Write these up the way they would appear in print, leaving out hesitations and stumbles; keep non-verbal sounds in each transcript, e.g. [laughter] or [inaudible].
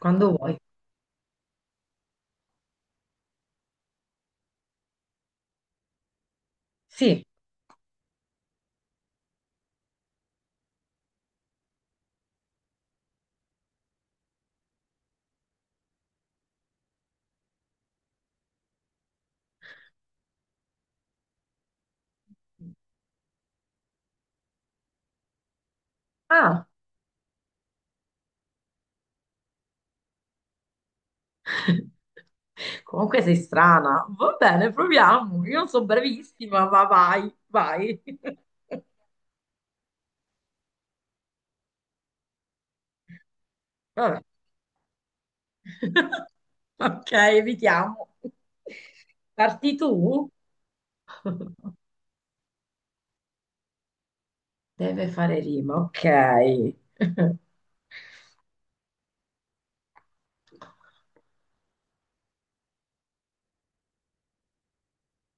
Quando vuoi. Sì. Ah, comunque sei strana. Va bene, proviamo. Io non sono bravissima, ma vai, vai. [laughs] Vabbè. [laughs] Ok, evitiamo. Parti tu? Deve fare rima, ok. [laughs]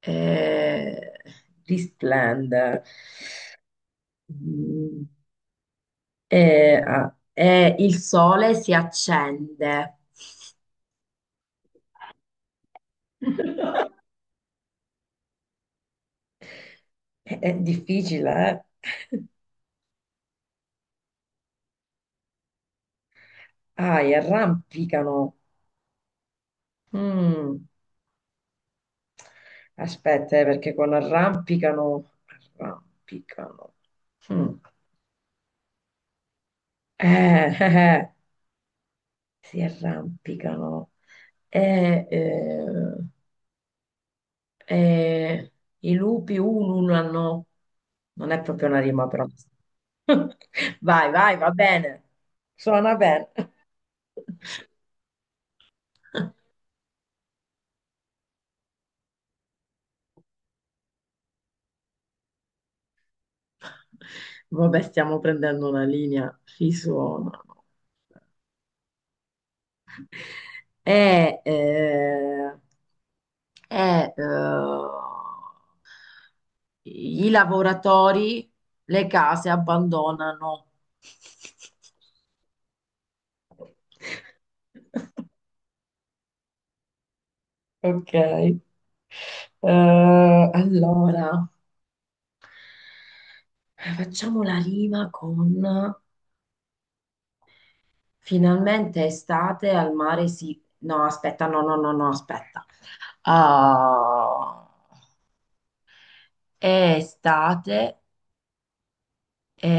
Eh, Risplende. Mm, il sole si accende. [laughs] È difficile, eh? Ah, e arrampicano. Mm. Aspetta, perché con arrampicano, arrampicano. Mm. Eh, [laughs] eh, eh, si arrampicano. Eh, eh, eh, I lupi ululano. Non è proprio una rima, però. [laughs] Vai, vai, va bene. Suona bene. [laughs] Vabbè, stiamo prendendo una linea. Risuonano. è, eh, è, eh, i lavoratori, le case abbandonano. Ok. Allora, facciamo la rima con finalmente estate al mare si... No, aspetta, no, no, no, no, aspetta. Ah, è estate e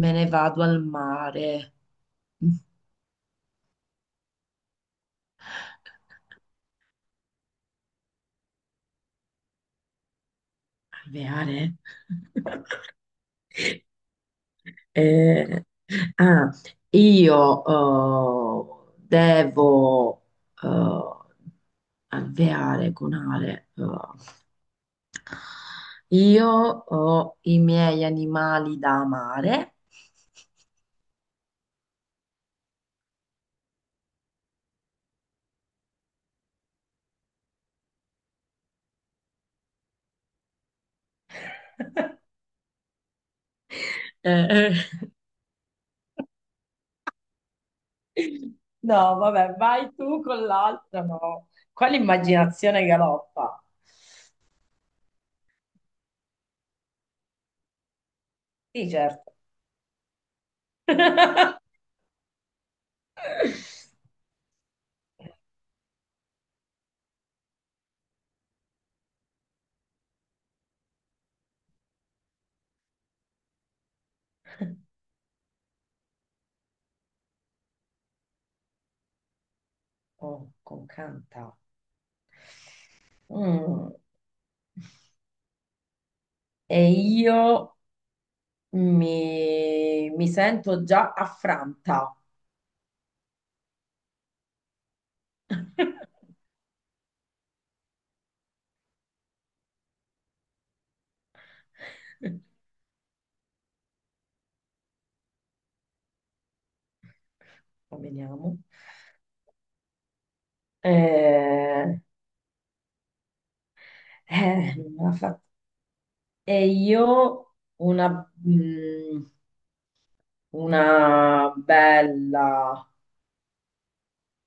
me ne vado al mare. Alveare? [laughs] Eh, ah, io devo eh, alveare con ale. Io ho i miei animali da amare. Eh, eh. No, vabbè, vai tu con l'altra, no. Qua l'immaginazione galoppa. Sì, certo. [laughs] Oh, con canta. Mm, E io mi sento già affranta. [laughs] Veniamo. Eh, Non me l'ha fatta. E io una, mm, una bella,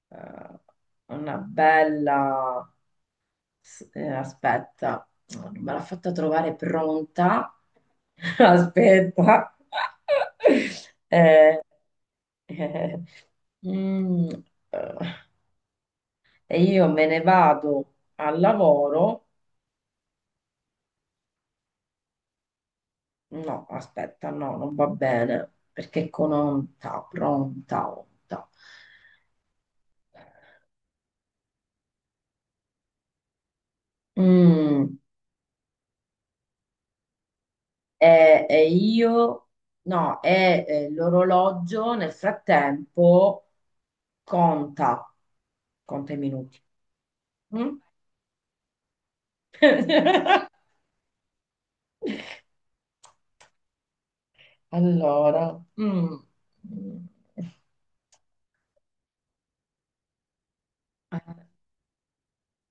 eh, una bella S- aspetta. No, non me l'ha fatta trovare pronta. [laughs] Aspetta. Eh, eh, mm, eh, e io me ne vado al lavoro. No, aspetta, no, non va bene, perché con onta, pronta, onta. Mm, e io, no, l'orologio nel frattempo conta, conta i minuti. Mm? Allora. Mm. Mm.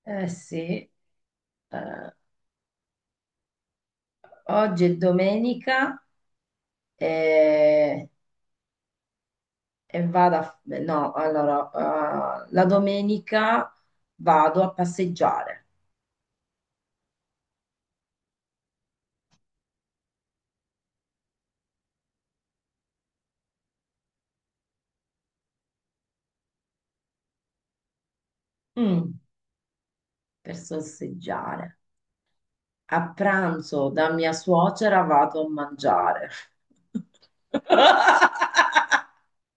Eh sì, eh, oggi è domenica. E, e vado a... beh, no, allora, la domenica vado a passeggiare. Mm, per sosseggiare. A pranzo da mia suocera vado a mangiare. [laughs]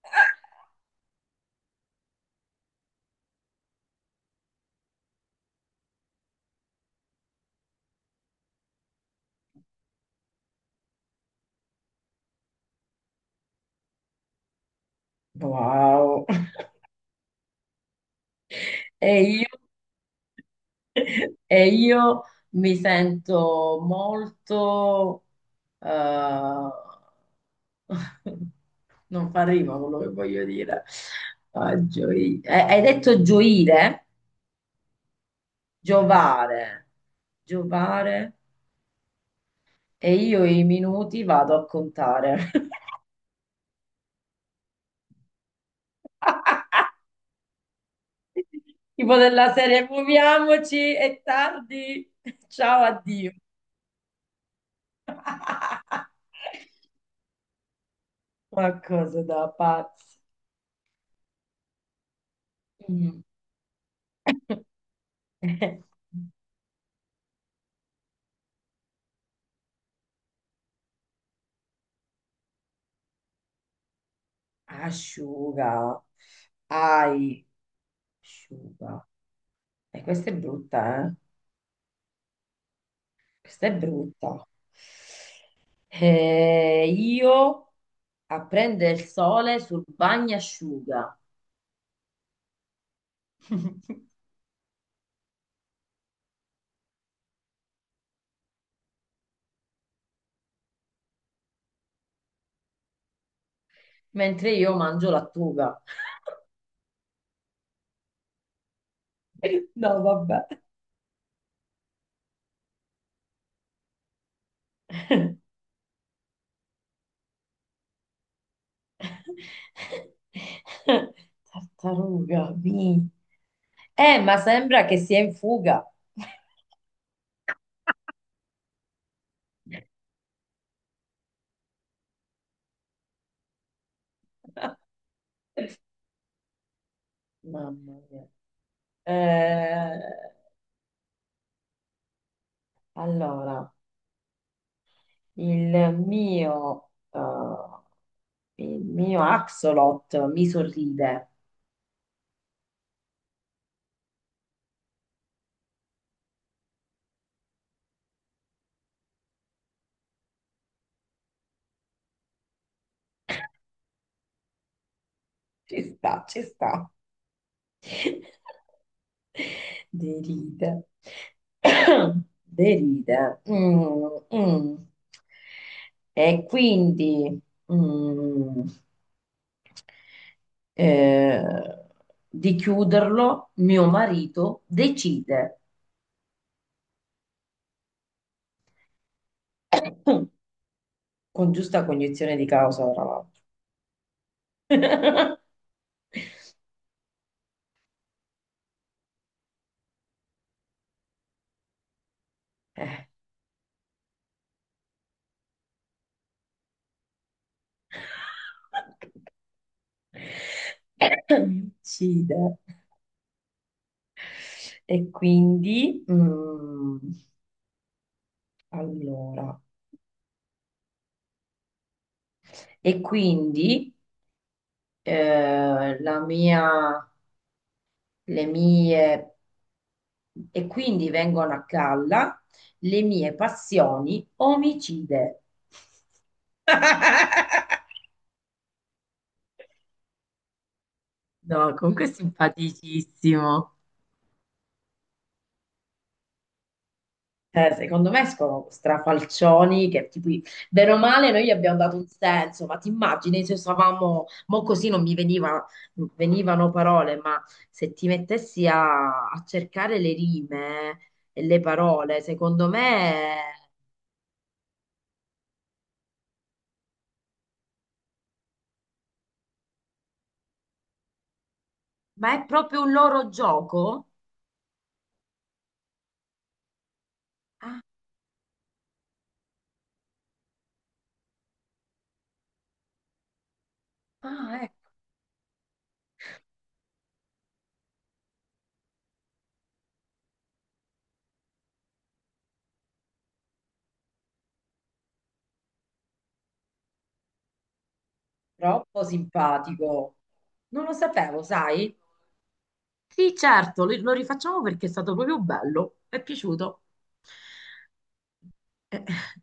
Wow. E io? [laughs] E io mi sento molto... eh, [laughs] Non fa rima quello che voglio dire. Ah, hai detto gioire, giovare, giovare, e io i minuti vado a contare. [laughs] Tipo della serie, muoviamoci, è tardi. Ciao, addio. [laughs] Ma cosa da pazzi. Mm. [laughs] Asciuga. Ai. Asciuga. E questa è brutta, eh? Questa è brutta. Io a prendere il sole sul bagnasciuga. [laughs] Mentre io mangio lattuga. [laughs] No, vabbè. Tartaruga, mi. Ma sembra che sia in fuga. [laughs] Mamma mia. Eh, allora. Il mio, eh, il mio axolot mi sorride. Ci sta, ci sta. [laughs] Deride. [coughs] Deride. Mm, mm. E quindi mm, eh, di chiuderlo, mio marito decide, [coughs] con giusta cognizione di causa, tra l'altro. [laughs] Eh. [laughs] Mi uccide. E quindi, allora, e quindi eh, la mia, le mie, e quindi vengono a galla le mie passioni omicide. [laughs] No, comunque è simpaticissimo. Secondo me escono strafalcioni che tipo, bene o male noi gli abbiamo dato un senso, ma ti immagini se stavamo, mo così non mi veniva, venivano parole, ma se ti mettessi a cercare le rime e le parole, secondo me, ma è proprio un loro gioco? Ah, ah, ecco, troppo simpatico. Non lo sapevo, sai? Sì, certo, lo rifacciamo perché è stato proprio bello, mi è piaciuto. [laughs] Eh.